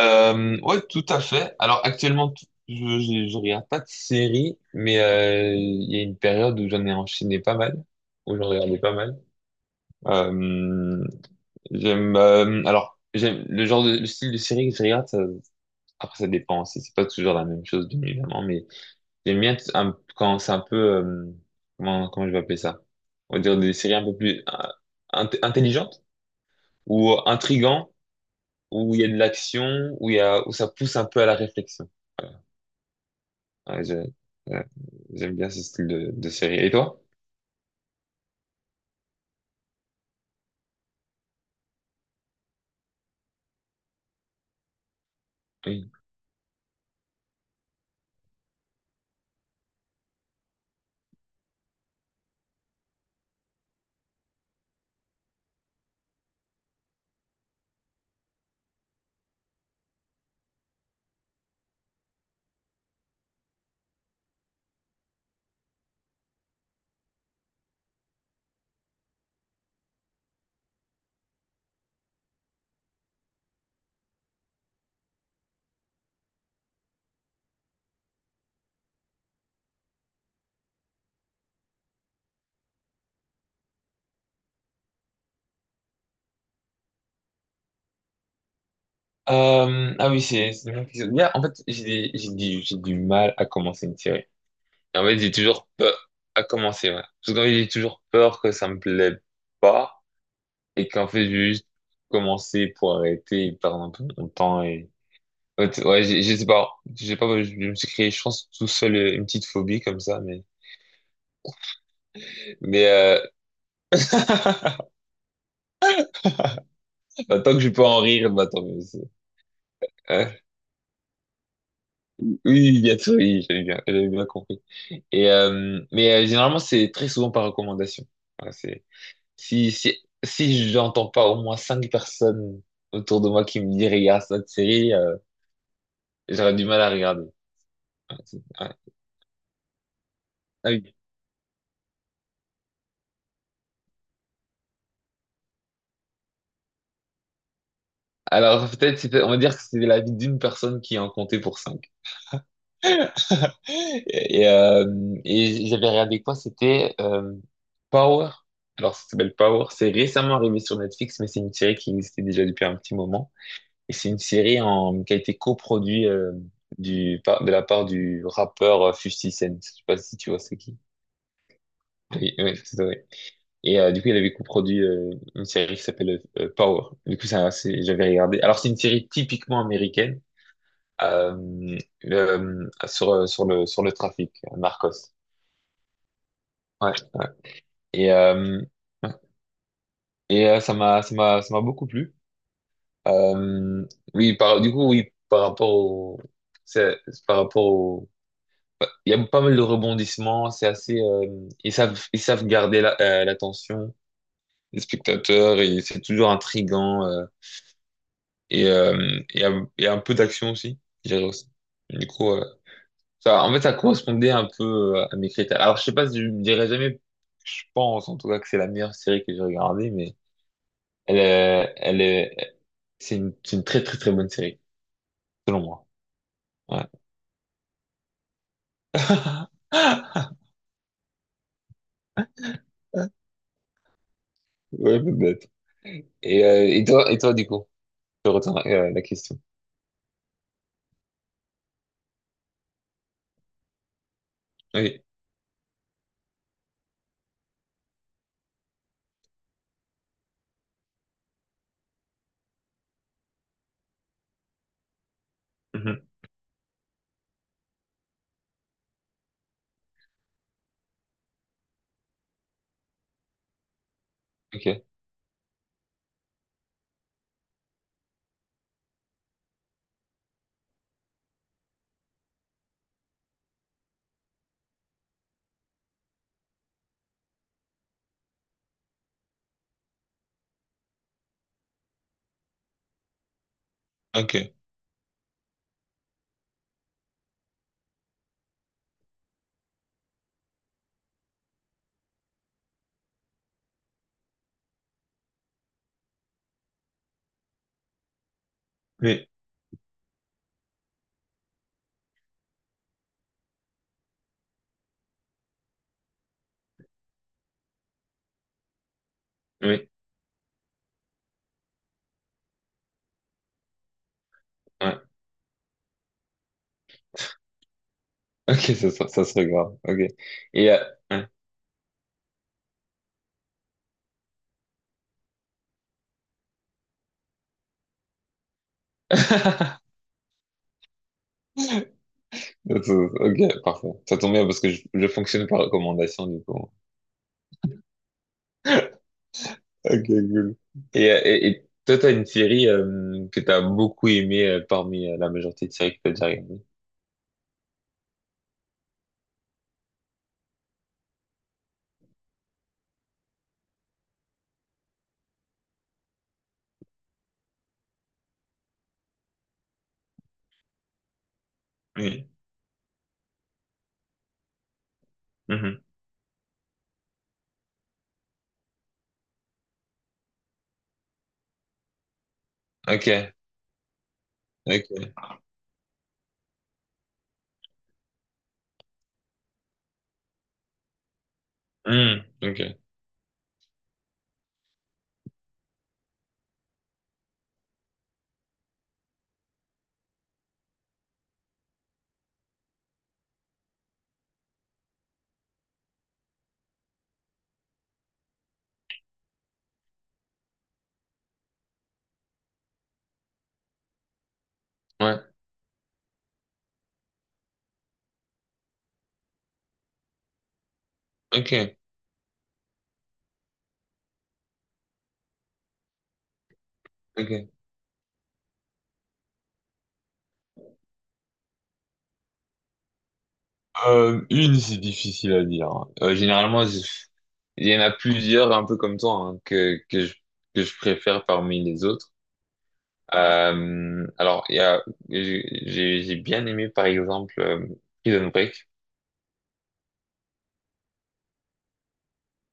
Ouais, tout à fait. Alors actuellement, je regarde pas de série, mais il y a une période où j'en ai enchaîné pas mal, où j'en regardais pas mal. Euh, j'aime le genre de le style de série que je regarde. Après, ça dépend. C'est pas toujours la même chose, bien évidemment, mais j'aime bien quand c'est un peu comment je vais appeler ça? On va dire des séries un peu plus intelligentes ou intrigantes, où il y a de l'action, où il y a où ça pousse un peu à la réflexion. Ouais, je- euh, J'aime bien ce style de série. Et toi? Oui. Ah oui, c'est vraiment quelque chose. Bien, en fait, j'ai du mal à commencer une série. En fait, j'ai toujours peur à commencer, ouais. Parce qu'en fait, j'ai toujours peur que ça me plaît pas et qu'en fait, je vais juste commencer pour arrêter et perdre un peu mon temps et... Ouais, je sais pas, j'ai pas, je me suis créé, je pense, tout seul une petite phobie comme ça, mais... Mais Bah, tant que je peux en rire, bah, tant mieux. Oui, oui, bien sûr, oui, j'avais bien compris. Et généralement, c'est très souvent par recommandation. Voilà, c'est si j'entends pas au moins cinq personnes autour de moi qui me disent regarde cette série, j'aurais du mal à regarder. Ouais. Ah oui. Alors on va dire que c'était l'avis d'une personne qui en comptait pour cinq. Et j'avais regardé quoi? C'était Power. Alors ça s'appelle Power. C'est récemment arrivé sur Netflix, mais c'est une série qui existait déjà depuis un petit moment. Et c'est une série qui a été coproduite de la part du rappeur 50 Cent. Je sais pas si tu vois c'est qui. Oui, oui, c'est ça, oui. Et du coup, il avait coproduit une série qui s'appelle Power. Du coup, j'avais regardé. Alors, c'est une série typiquement américaine euh, sur, sur le trafic, Narcos. Ouais, ouais. Et, ouais. Et ça m'a beaucoup plu. Euh, oui, par rapport c'est- au... Il y a pas mal de rebondissements, c'est assez, ils savent garder l'attention des spectateurs et c'est toujours intriguant et euh, il y a, il y a un peu d'action aussi, je dirais aussi. Du coup, ça, en fait, ça correspondait un peu à mes critères. Alors, je sais pas si je me dirais jamais, je pense en tout cas que c'est la meilleure série que j'ai regardée, mais elle est, c'est une très très très bonne série, selon moi. Ouais, ouais, peut-être. Et, et toi, du coup, je retourne la question. Oui. Mhm. Ok, ok, oui, oui, ouais. Ok, ça serait grave, ok. Et, ouais. Ça, ça- Ok, parfait. Ça tombe bien parce que je fonctionne par recommandation, du coup. Ok, cool. Et, et toi, t'as une série que t'as beaucoup aimée parmi la majorité de séries que t'as déjà regardées? Oui. Mhm. Ok, ok. Hmm, ok, ouais, ok, ok. Une, c'est difficile à dire. Euh, généralement, je- il y en a plusieurs, un peu comme toi, hein, que je préfère parmi les autres. Alors, il y a, j'ai, j'ai bien aimé, par exemple, Prison Break.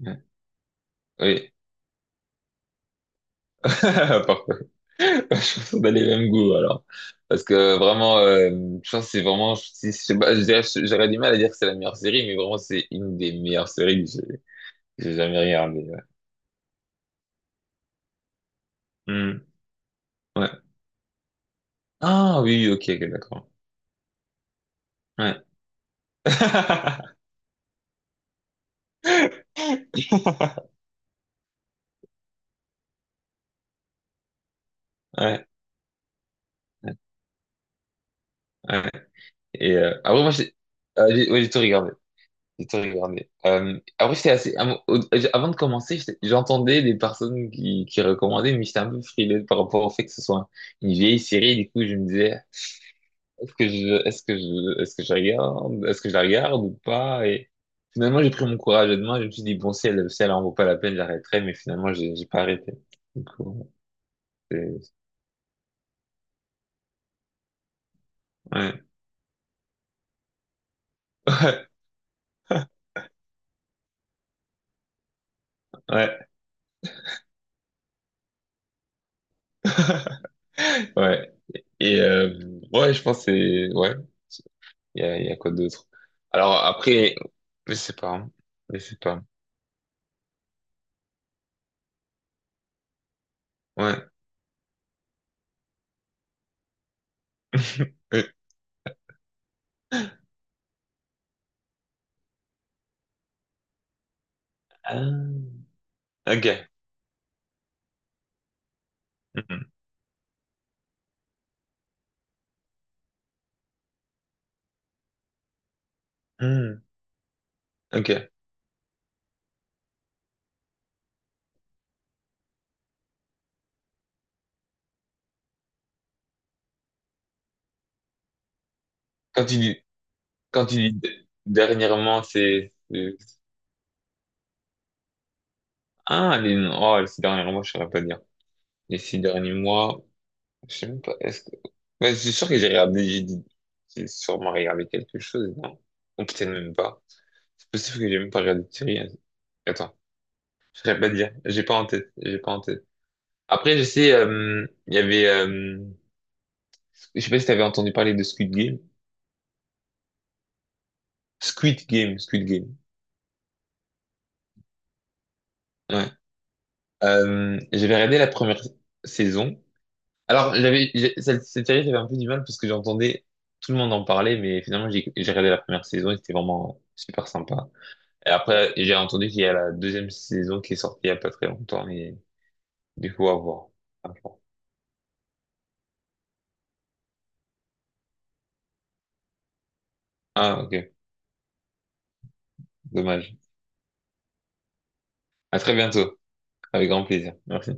Ouais. Oui, parfait. Je pense qu'on a les mêmes goûts, alors. Parce que vraiment, je pense que c'est vraiment, si, je sais pas, j'aurais du mal à dire que c'est la meilleure série, mais vraiment, c'est une des meilleures séries que j'ai jamais regardées. Ouais. Hmm, ouais. Ah oui, ok, ok, d'accord. Ouais. Ouais, ouais. Et moi, ouais, j'ai tout regardé. J'ai tout regardé. Après, j'étais assez. Av- au- Avant de commencer, j'entendais des personnes qui recommandaient, mais j'étais un peu frileux par rapport au fait que ce soit une vieille série. Du coup, je me disais, est-ce que je regarde, est-ce que je la regarde ou pas? Et finalement, j'ai pris mon courage à deux mains. Je me suis dit, bon, si elle en vaut pas la peine, j'arrêterai. Mais finalement, j'ai pas arrêté. Du coup, c'est- ouais. Ouais. Ouais. Et ouais, je pense que c'est ouais. Il y a quoi d'autre? Alors après, je sais pas, hein. Je sais pas. Ouais. Ah, ok. Mhm. Mhm. Ok. Quand tu dis dernièrement, ah les les six derniers mois, je saurais pas dire. Les six derniers mois, je sais même pas. Est-ce que ouais, c'est sûr que j'ai regardé, j'ai sûrement regardé quelque chose, non? Ou peut-être même pas. C'est possible que j'ai même pas regardé de série, hein. Attends, je saurais pas dire. J'ai pas en tête. J'ai pas en tête. Après, je sais, je sais pas si t'avais entendu parler de Squid Game. Squid Game, Squid Game. Ouais. J'avais regardé la première saison. Alors, cette série, j'avais un peu du mal parce que j'entendais tout le monde en parler, mais finalement, j'ai regardé la première saison et c'était vraiment super sympa. Et après, j'ai entendu qu'il y a la deuxième saison qui est sortie il y a pas très longtemps, mais du coup, à voir. À voir. Ah, ok. Dommage. À très bientôt. Avec grand plaisir. Merci.